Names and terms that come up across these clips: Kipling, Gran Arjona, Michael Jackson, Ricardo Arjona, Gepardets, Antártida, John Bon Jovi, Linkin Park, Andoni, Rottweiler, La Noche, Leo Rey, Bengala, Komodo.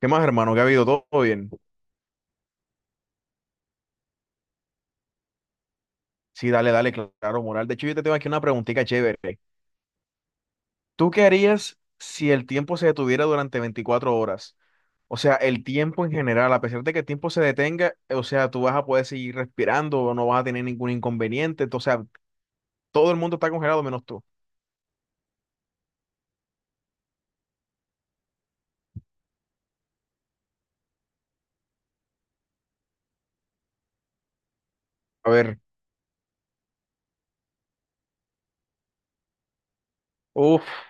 ¿Qué más, hermano? ¿Qué ha habido? ¿Todo bien? Sí, dale, dale, claro, moral. De hecho, yo te tengo aquí una preguntita chévere. ¿Tú qué harías si el tiempo se detuviera durante 24 horas? O sea, el tiempo en general, a pesar de que el tiempo se detenga, o sea, tú vas a poder seguir respirando, no vas a tener ningún inconveniente. O sea, todo el mundo está congelado menos tú. A ver, uff,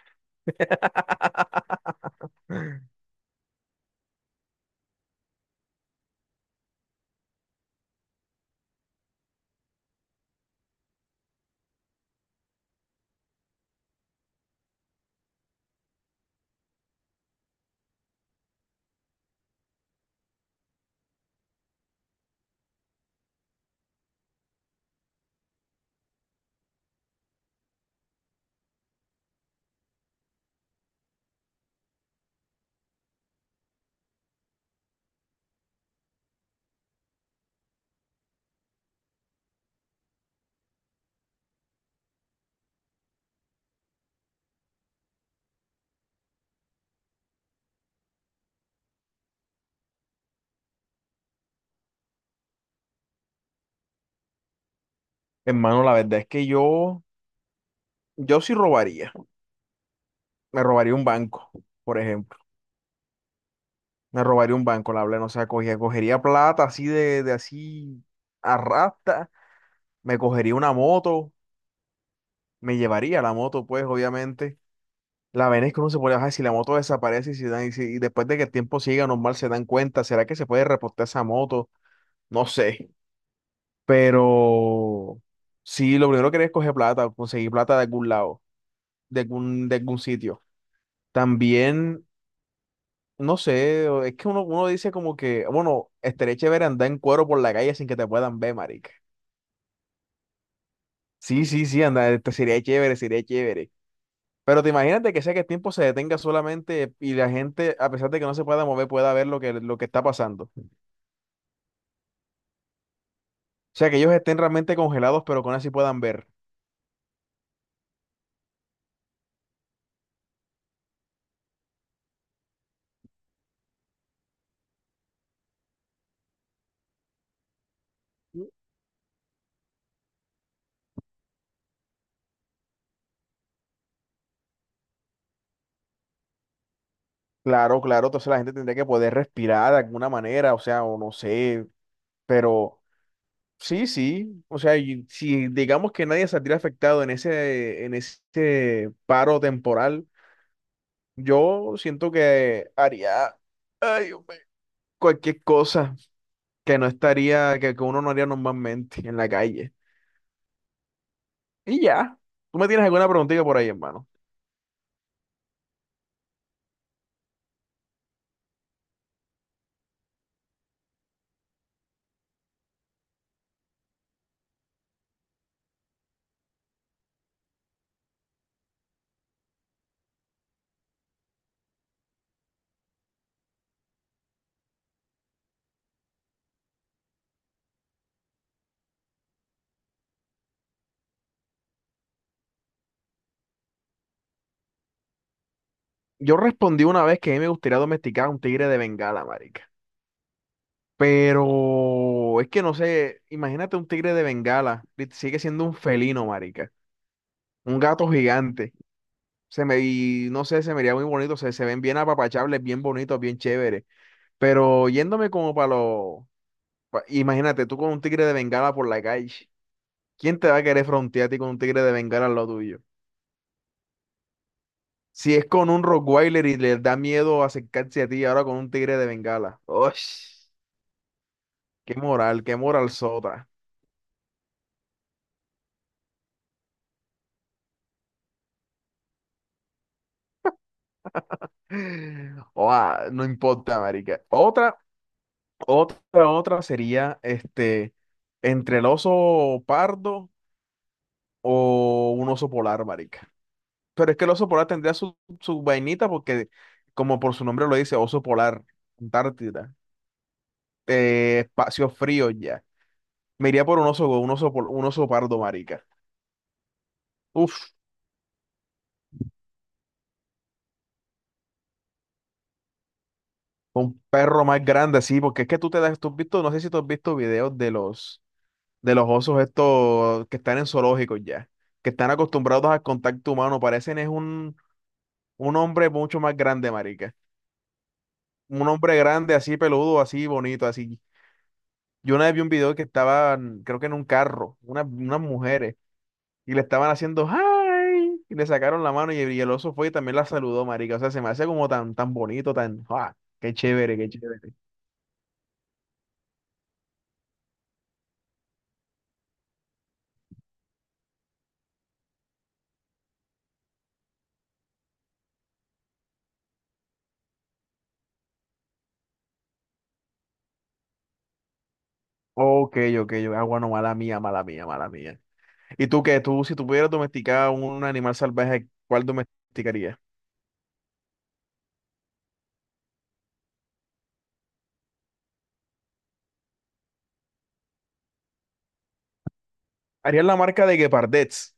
hermano, la verdad es que yo sí robaría. Me robaría un banco, por ejemplo. Me robaría un banco, la verdad, no sea, cogería plata así de así arrastra me cogería una moto, me llevaría la moto, pues obviamente. La vaina es que uno se puede bajar si la moto desaparece y, si dan- y, si- y después de que el tiempo siga normal se dan cuenta, ¿será que se puede reportar esa moto? No sé. Pero sí, lo primero que haría es coger plata, conseguir plata de algún lado, de algún sitio. También, no sé, es que uno dice como que, bueno, estaría chévere andar en cuero por la calle sin que te puedan ver, marica. Sí, sí, sí, andar, sería chévere, sería chévere. Pero te imagínate que sea que el tiempo se detenga solamente y la gente, a pesar de que no se pueda mover, pueda ver lo que está pasando. O sea, que ellos estén realmente congelados, pero con así puedan ver. Claro, claro, entonces la gente tendría que poder respirar de alguna manera, o sea, o no sé, pero sí, sí, o sea, y si digamos que nadie saldría afectado en ese, paro temporal, yo siento que haría, ay, Dios mío, cualquier cosa que no estaría, que uno no haría normalmente en la calle. Y ya, tú me tienes alguna preguntita por ahí, hermano. Yo respondí una vez que a mí me gustaría domesticar a un tigre de Bengala, marica. Pero es que no sé, imagínate un tigre de Bengala, sigue siendo un felino, marica. Un gato gigante. Y no sé, se me vería muy bonito, se ven bien apapachables, bien bonitos, bien chéveres. Pero yéndome como para los. Imagínate tú con un tigre de Bengala por la calle. ¿Quién te va a querer frontear a ti con un tigre de Bengala en lo tuyo? Si es con un Rottweiler y les da miedo acercarse a ti, ahora con un tigre de Bengala. ¡Ush! Qué moral sota! Oa, no importa, marica. Otra sería entre el oso pardo o un oso polar, marica. Pero es que el oso polar tendría su vainita porque, como por su nombre lo dice, oso polar, Antártida, espacio frío ya. Me iría por un oso pardo, marica. Uf, un perro más grande, sí, porque es que tú has visto, no sé si tú has visto videos de los osos estos que están en zoológicos ya, que están acostumbrados al contacto humano, parecen es un hombre mucho más grande, marica. Un hombre grande, así peludo, así bonito, así. Yo una vez vi un video que estaban, creo que en un carro, unas mujeres, y le estaban haciendo ¡ay! Y le sacaron la mano y el oso fue y también la saludó, marica. O sea, se me hace como tan, tan bonito, tan, ¡ah! ¡Qué chévere, qué chévere! Ok, ok, ah, bueno, mala mía, mala mía, mala mía. ¿Y tú qué? Si tú pudieras domesticar un animal salvaje, ¿cuál domesticarías? ¿Harías la marca de Gepardets?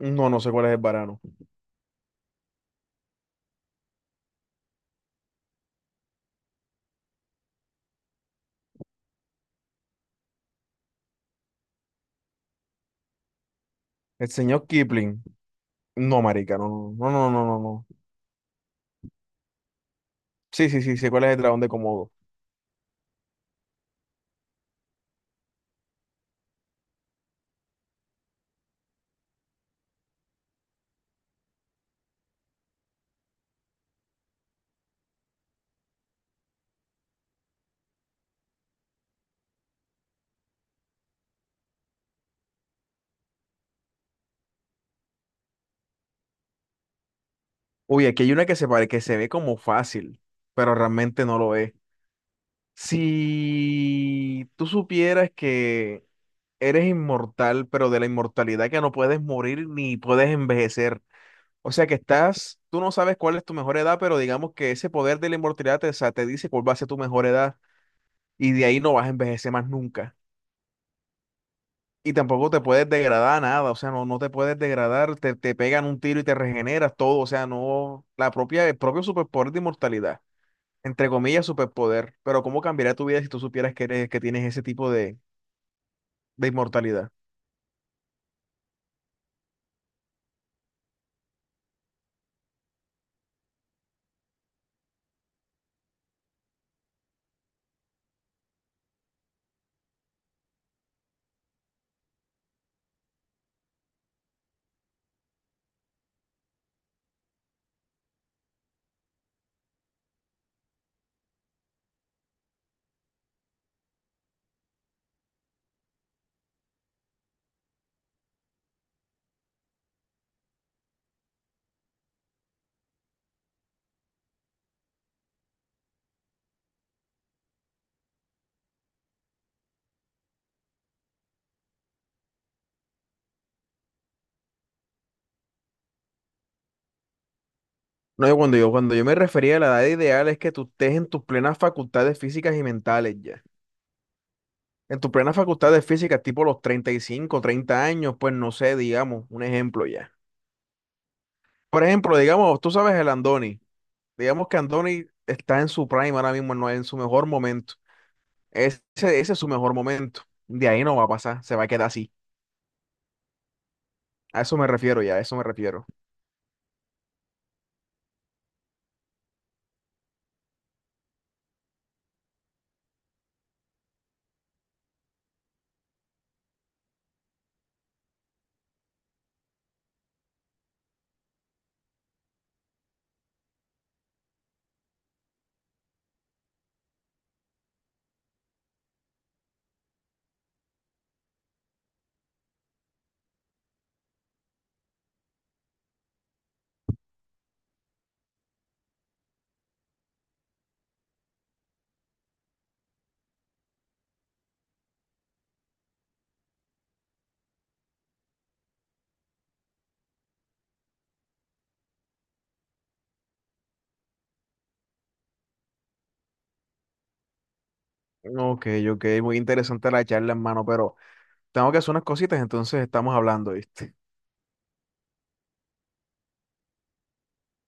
No, no sé cuál es el varano. ¿El señor Kipling? No, marica, no, no, no, no, no, no. Sí, sí, sí, sé cuál es el dragón de Komodo. Uy, aquí hay una que se pare, que se ve como fácil, pero realmente no lo es. Si tú supieras que eres inmortal, pero de la inmortalidad que no puedes morir ni puedes envejecer. O sea que tú no sabes cuál es tu mejor edad, pero digamos que ese poder de la inmortalidad te, o sea, te dice cuál va a ser tu mejor edad y de ahí no vas a envejecer más nunca. Y tampoco te puedes degradar nada, o sea, no, no te puedes degradar, te pegan un tiro y te regeneras todo, o sea, no, el propio superpoder de inmortalidad, entre comillas, superpoder, pero ¿cómo cambiaría tu vida si tú supieras que tienes ese tipo de inmortalidad? No, yo cuando cuando yo me refería a la edad ideal es que tú estés en tus plenas facultades físicas y mentales ya. En tu plena facultad de física, tipo los 35 30 años, pues no sé, digamos, un ejemplo ya. Por ejemplo, digamos, tú sabes el Andoni. Digamos que Andoni está en su prime ahora mismo, no en su mejor momento. Ese es su mejor momento. De ahí no va a pasar, se va a quedar así. A eso me refiero ya, a eso me refiero. Ok, ok, muy interesante la charla, hermano, pero tengo que hacer unas cositas, entonces estamos hablando, ¿viste?